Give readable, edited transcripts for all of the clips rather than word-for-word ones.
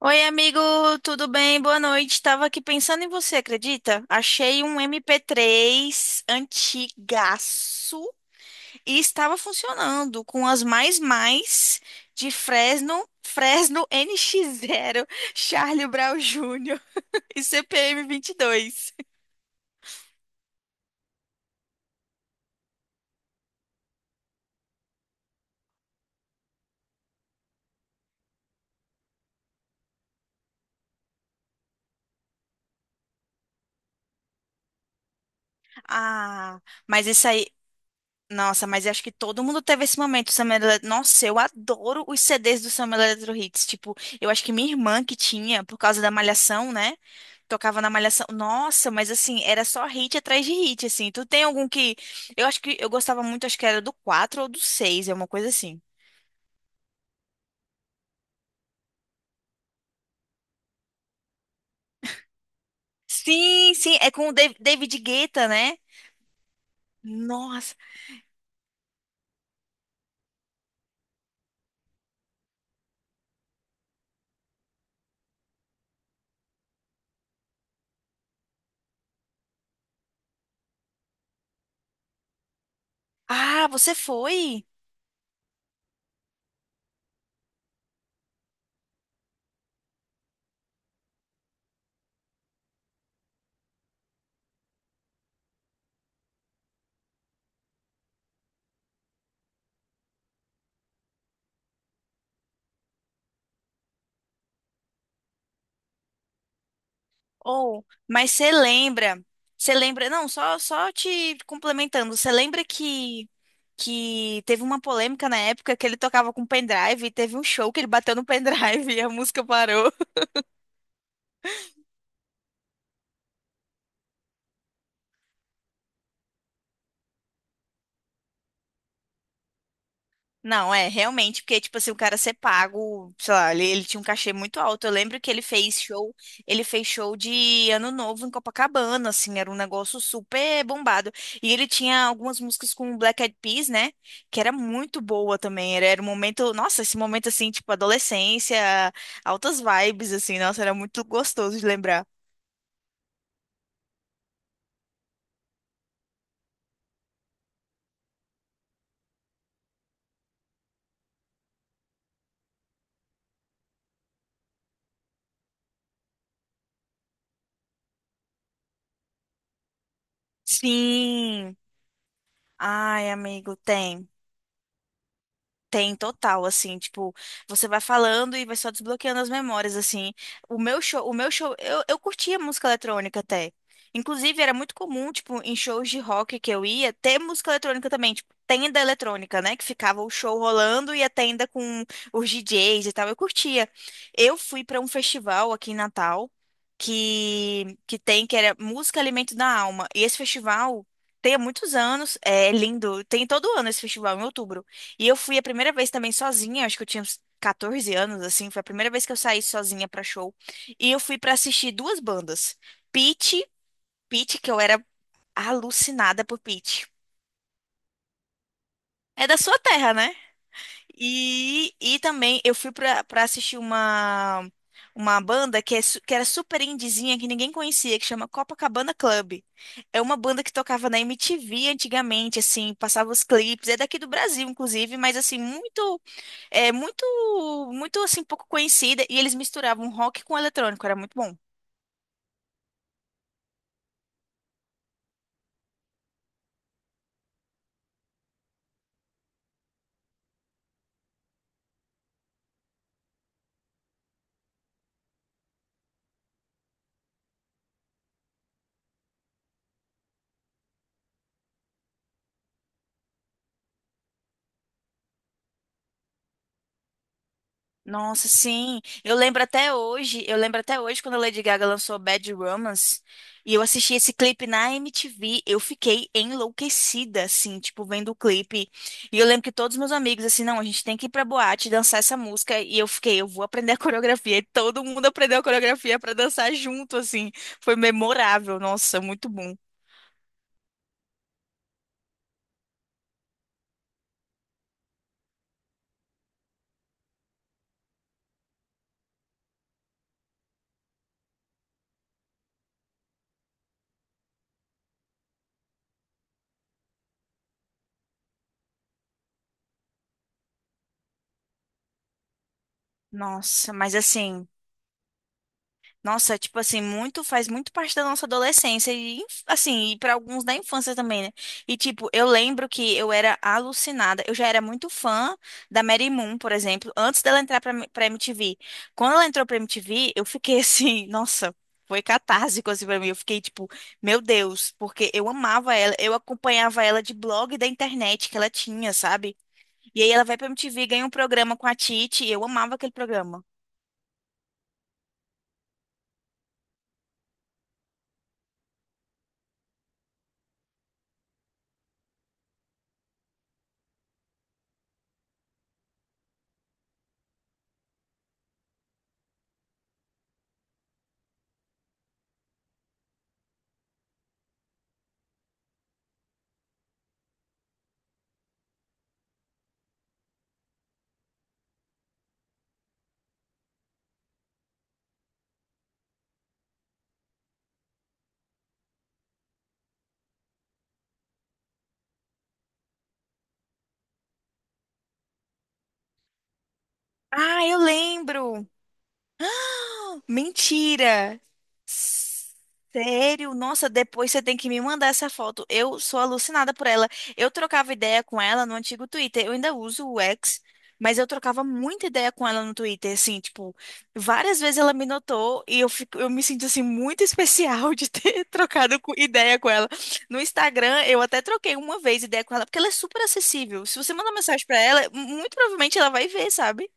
Oi, amigo, tudo bem? Boa noite. Tava aqui pensando em você, acredita? Achei um MP3 antigaço e estava funcionando com as mais de Fresno, NX0, Charlie Brown Jr. e CPM 22. Ah, mas isso aí. Nossa, mas eu acho que todo mundo teve esse momento, Summer Electro. Nossa, eu adoro os CDs do Summer Electro Hits. Tipo, eu acho que minha irmã que tinha, por causa da Malhação, né? Tocava na Malhação. Nossa, mas assim, era só hit atrás de hit, assim. Tu tem algum que. Eu acho que eu gostava muito, acho que era do 4 ou do seis é uma coisa assim. Sim, sim, é com o David Guetta, né? Nossa. Ah, você foi? Ou, mas você lembra? Você lembra? Não, só te complementando. Você lembra que teve uma polêmica na época que ele tocava com pendrive e teve um show que ele bateu no pendrive e a música parou? Não, é, realmente, porque, tipo assim, o cara ser pago, sei lá, ele tinha um cachê muito alto. Eu lembro que ele fez show de Ano Novo em Copacabana, assim, era um negócio super bombado. E ele tinha algumas músicas com o Black Eyed Peas, né, que era muito boa também. Era, era um momento, nossa, esse momento, assim, tipo, adolescência, altas vibes, assim, nossa, era muito gostoso de lembrar. Sim, ai, amigo, tem. Tem total, assim, tipo, você vai falando e vai só desbloqueando as memórias, assim. O meu show, eu curtia música eletrônica até. Inclusive, era muito comum, tipo, em shows de rock que eu ia, ter música eletrônica também, tipo, tenda eletrônica, né? Que ficava o show rolando e a tenda com os DJs e tal. Eu curtia. Eu fui pra um festival aqui em Natal que tem, que era Música Alimento da Alma. E esse festival tem há muitos anos, é lindo, tem todo ano esse festival, em outubro. E eu fui a primeira vez também sozinha, acho que eu tinha uns 14 anos, assim, foi a primeira vez que eu saí sozinha pra show. E eu fui pra assistir duas bandas. Pitty, Pitty, que eu era alucinada por Pitty. É da sua terra, né? E também eu fui pra assistir uma banda que, é, que era super indizinha, que ninguém conhecia, que chama Copacabana Club. É uma banda que tocava na MTV antigamente, assim, passava os clipes, é daqui do Brasil, inclusive, mas assim, É muito, muito assim, pouco conhecida. E eles misturavam rock com eletrônico, era muito bom. Nossa, sim. Eu lembro até hoje, eu lembro até hoje quando a Lady Gaga lançou Bad Romance e eu assisti esse clipe na MTV, eu fiquei enlouquecida, assim, tipo, vendo o clipe. E eu lembro que todos os meus amigos, assim, não, a gente tem que ir pra boate dançar essa música. E eu fiquei, eu vou aprender a coreografia. E todo mundo aprendeu a coreografia pra dançar junto, assim. Foi memorável, nossa, muito bom. Nossa, mas assim. Nossa, tipo assim, muito faz muito parte da nossa adolescência e assim, e para alguns da infância também, né? E tipo, eu lembro que eu era alucinada. Eu já era muito fã da Mary Moon, por exemplo, antes dela entrar pra MTV. Quando ela entrou pra MTV, eu fiquei assim, nossa, foi catártico assim pra mim. Eu fiquei tipo, meu Deus, porque eu amava ela, eu acompanhava ela de blog da internet que ela tinha, sabe? E aí ela vai pra MTV, ganha um programa com a Titi, e eu amava aquele programa. Ah, eu lembro. Ah, mentira! Sério? Nossa, depois você tem que me mandar essa foto. Eu sou alucinada por ela. Eu trocava ideia com ela no antigo Twitter. Eu ainda uso o X, mas eu trocava muita ideia com ela no Twitter, assim, tipo, várias vezes ela me notou e eu fico, eu me sinto assim muito especial de ter ideia com ela. No Instagram, eu até troquei uma vez ideia com ela, porque ela é super acessível. Se você mandar mensagem pra ela, muito provavelmente ela vai ver, sabe?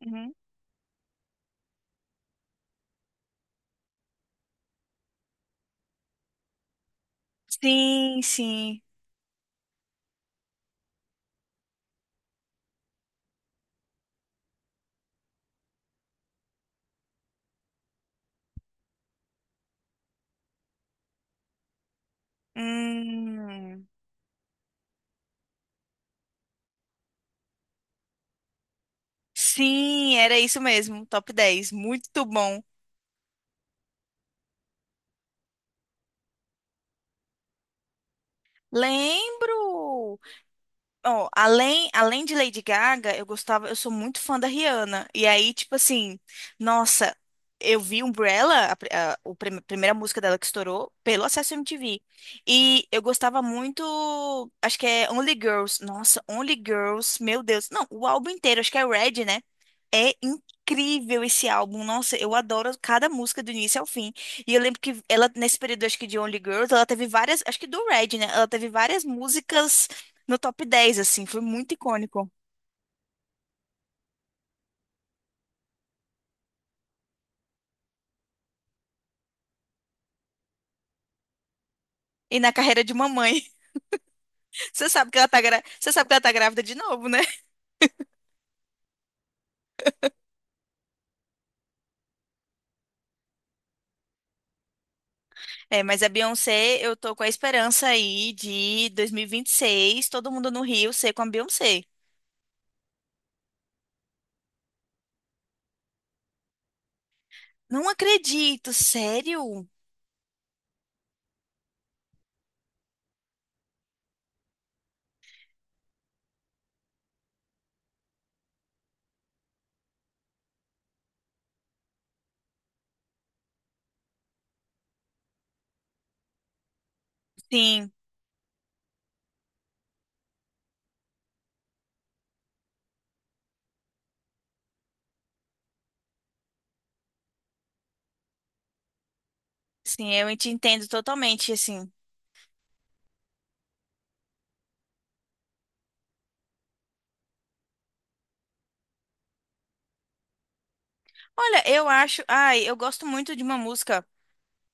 Uhum. Sim, sim. Hum. Sim, era isso mesmo. top 10. Muito bom. Lembro! Ó, além, além de Lady Gaga, eu gostava, eu sou muito fã da Rihanna. E aí, tipo assim, nossa, eu vi Umbrella, a, pri- a, o prim- primeira música dela que estourou, pelo Acesso MTV. E eu gostava muito, acho que é Only Girls. Nossa, Only Girls, meu Deus. Não, o álbum inteiro, acho que é Red, né? É incrível esse álbum. Nossa, eu adoro cada música do início ao fim. E eu lembro que ela, nesse período, acho que de Only Girls, ela teve várias, acho que do Red, né? Ela teve várias músicas no top 10 assim, foi muito icônico. E na carreira de mamãe. Você sabe que ela tá, você sabe que ela tá grávida de novo, né? É, mas a Beyoncé, eu tô com a esperança aí de 2026, todo mundo no Rio ser com a Beyoncé. Não acredito, sério? Sim, sim, eu te entendo totalmente, assim. Olha, eu acho, ai, eu gosto muito de uma música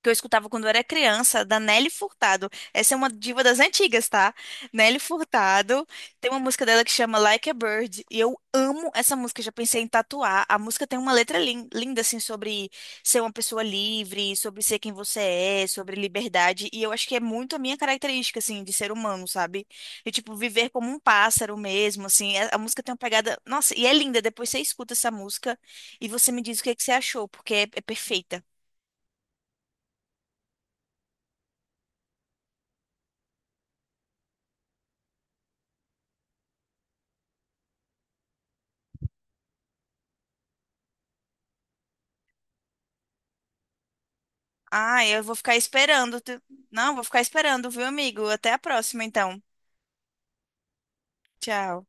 que eu escutava quando eu era criança, da Nelly Furtado. Essa é uma diva das antigas, tá? Nelly Furtado. Tem uma música dela que chama Like a Bird. E eu amo essa música, já pensei em tatuar. A música tem uma letra linda, assim, sobre ser uma pessoa livre, sobre ser quem você é, sobre liberdade. E eu acho que é muito a minha característica, assim, de ser humano, sabe? E, tipo, viver como um pássaro mesmo, assim. A música tem uma pegada. Nossa, e é linda. Depois você escuta essa música e você me diz o que, é que você achou, porque é perfeita. Ah, eu vou ficar esperando. Não, vou ficar esperando, viu, amigo? Até a próxima, então. Tchau.